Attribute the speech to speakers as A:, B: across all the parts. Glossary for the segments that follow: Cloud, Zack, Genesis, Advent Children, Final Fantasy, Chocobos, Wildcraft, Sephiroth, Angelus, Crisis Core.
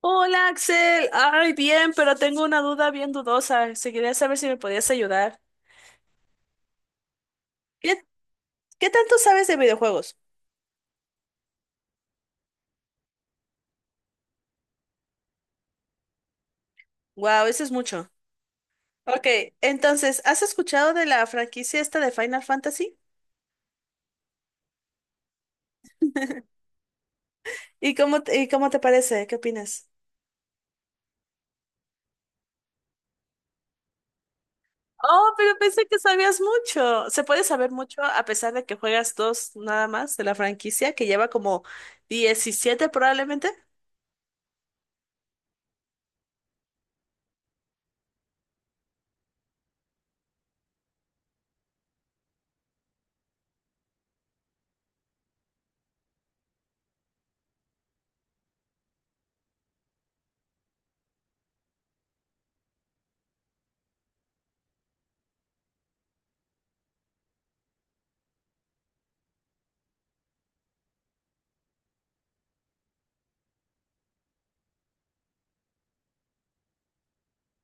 A: Hola Axel, ay bien, pero tengo una duda bien dudosa. Se quería saber si me podías ayudar. ¿Qué, qué tanto sabes de videojuegos? Wow, eso es mucho. Ok, entonces, ¿has escuchado de la franquicia esta de Final Fantasy? ¿Y cómo te parece? ¿Qué opinas? Oh, pero pensé que sabías mucho. Se puede saber mucho a pesar de que juegas dos nada más de la franquicia que lleva como 17 probablemente.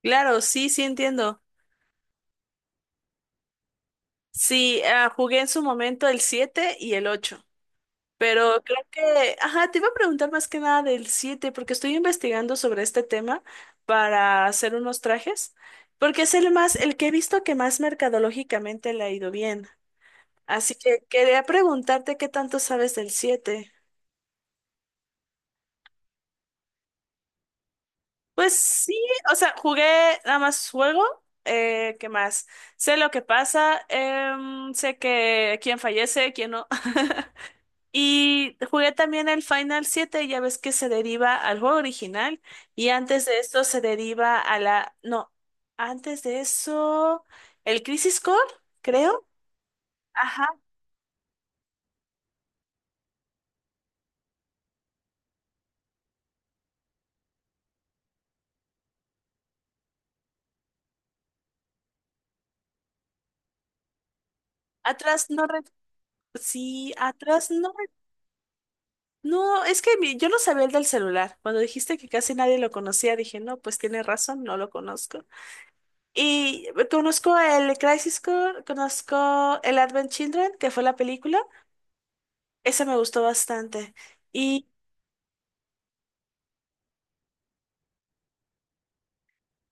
A: Claro, sí, sí entiendo. Sí, jugué en su momento el 7 y el 8. Pero creo que, ajá, te iba a preguntar más que nada del 7 porque estoy investigando sobre este tema para hacer unos trajes, porque es el más, el que he visto que más mercadológicamente le ha ido bien. Así que quería preguntarte qué tanto sabes del siete. Pues sí, o sea, jugué nada más juego, ¿qué más? Sé lo que pasa, sé que quién fallece, quién no. Y jugué también el Final siete, ya ves que se deriva al juego original y antes de esto se deriva a la... No, antes de eso, el Crisis Core, creo. Ajá, atrás no... re- Sí, atrás no... re- No, es que yo no sabía el del celular. Cuando dijiste que casi nadie lo conocía, dije, no, pues tiene razón, no lo conozco. Y conozco el Crisis Core, conozco el Advent Children, que fue la película. Esa me gustó bastante. Y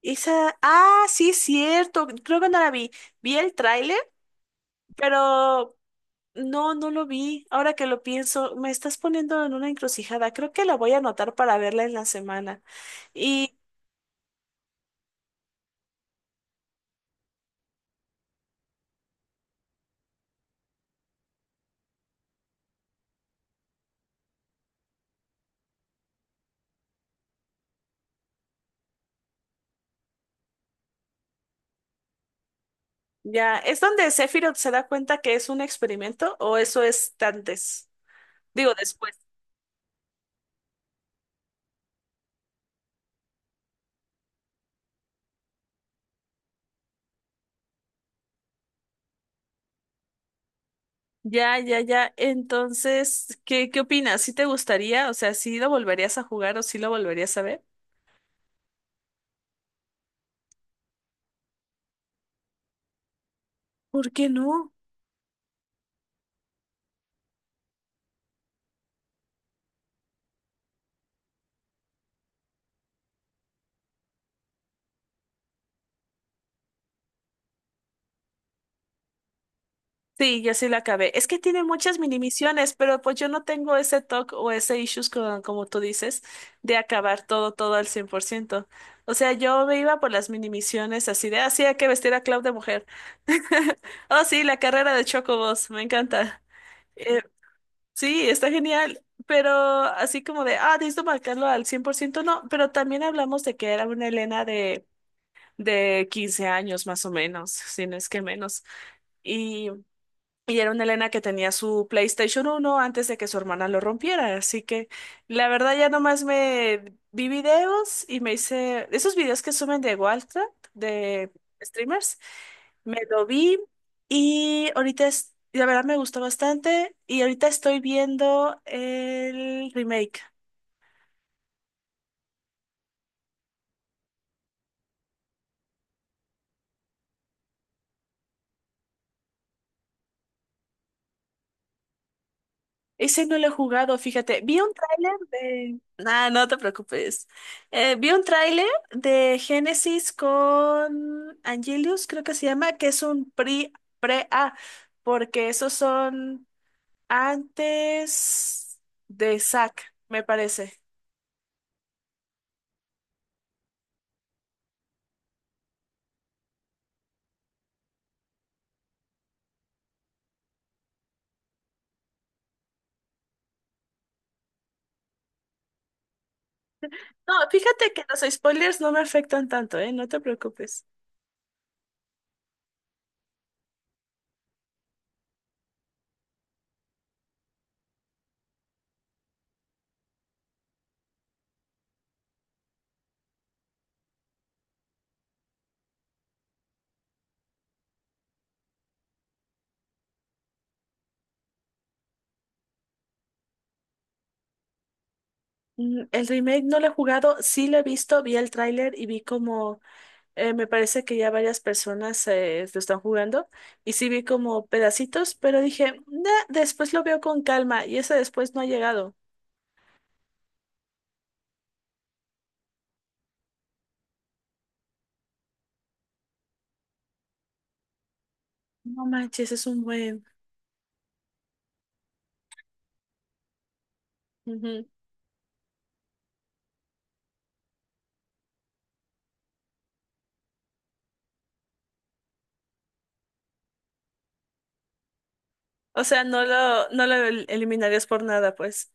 A: esa, sí, es cierto. Creo que no la vi. Vi el tráiler, pero no lo vi. Ahora que lo pienso, me estás poniendo en una encrucijada. Creo que la voy a anotar para verla en la semana. Y ya, ¿es donde Sephiroth se da cuenta que es un experimento o eso es antes? Digo, después. Ya, ya, ya. Entonces, ¿qué opinas? ¿Sí te gustaría? O sea, ¿sí lo volverías a jugar o sí lo volverías a ver? ¿Por qué no? Sí, yo sí la acabé. Es que tiene muchas mini misiones, pero pues yo no tengo ese toque o ese issues como tú dices, de acabar todo al 100%. O sea, yo me iba por las mini misiones así de, así hay que vestir a Cloud de mujer. Oh, sí, la carrera de Chocobos, me encanta. Eh, sí, está genial, pero así como de, necesito marcarlo al 100% no, pero también hablamos de que era una Elena de, 15 años más o menos, si no es que menos. Y era una Elena que tenía su PlayStation 1 antes de que su hermana lo rompiera. Así que la verdad ya nomás me vi videos y me hice esos videos que suben de Wildcraft, de streamers. Me lo vi y ahorita es, la verdad me gustó bastante. Y ahorita estoy viendo el remake. Ese no lo he jugado, fíjate. Vi un tráiler de... Nah, no te preocupes. Vi un tráiler de Genesis con Angelus, creo que se llama, que es un pre-A, porque esos son antes de Zack, me parece. No, fíjate que los spoilers no me afectan tanto, ¿eh? No te preocupes. El remake no lo he jugado, sí lo he visto, vi el tráiler y vi como me parece que ya varias personas lo están jugando y sí vi como pedacitos, pero dije, "Nah, después lo veo con calma", y ese después no ha llegado. No manches, es un buen. Ujú. O sea, no lo eliminarías por nada, pues.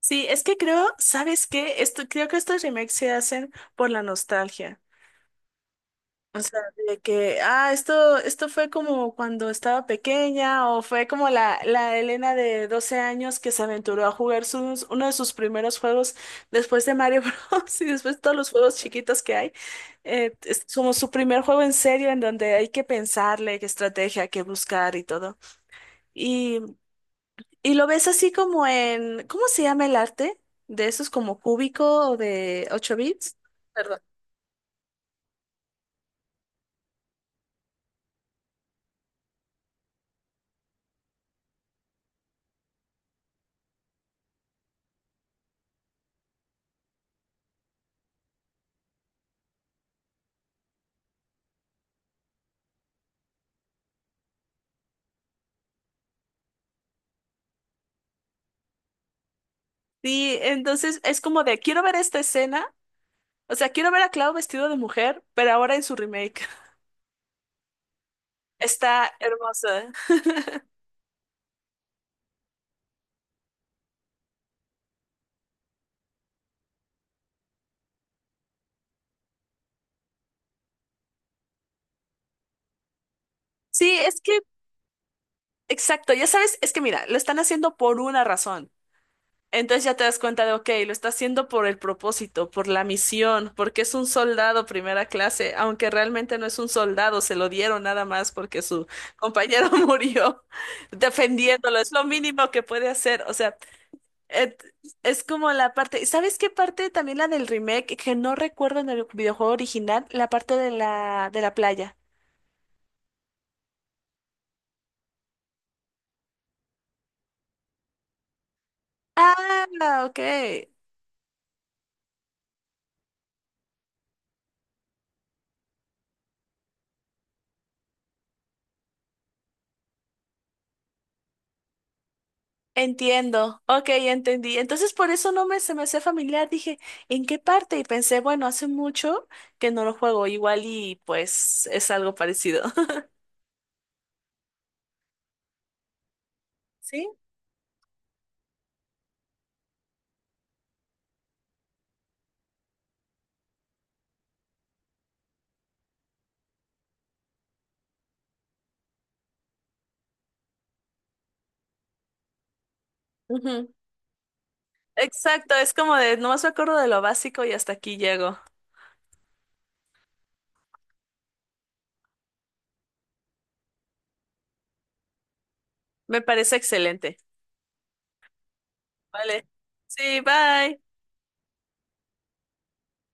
A: Sí, es que creo, ¿sabes qué? Creo que estos remakes se hacen por la nostalgia. O sea, de que, esto fue como cuando estaba pequeña, o fue como la Elena de 12 años que se aventuró a jugar sus, uno de sus primeros juegos después de Mario Bros. Y después de todos los juegos chiquitos que hay. Es como su primer juego en serio en donde hay que pensarle qué estrategia, qué buscar y todo. Y, y, lo ves así como en, ¿cómo se llama el arte? De esos como cúbico o de 8 bits. Perdón. Sí, entonces es como de, quiero ver esta escena. O sea, quiero ver a Cloud vestido de mujer, pero ahora en su remake. Está hermosa. Sí, es que, exacto, ya sabes, es que mira, lo están haciendo por una razón. Entonces ya te das cuenta de, ok, lo está haciendo por el propósito, por la misión, porque es un soldado primera clase, aunque realmente no es un soldado, se lo dieron nada más porque su compañero murió defendiéndolo, es lo mínimo que puede hacer. O sea, Et- Es como la parte, ¿sabes qué parte? También la del remake, que no recuerdo en el videojuego original, la parte de la, playa. Ah, ok. Entiendo. Ok, ya entendí. Entonces por eso no me se me hacía familiar. Dije, ¿en qué parte? Y pensé, bueno, hace mucho que no lo juego igual y pues es algo parecido. ¿Sí? Ujú. Exacto, es como de, nomás me acuerdo de lo básico y hasta aquí llego. Me parece excelente. Vale. Sí, bye.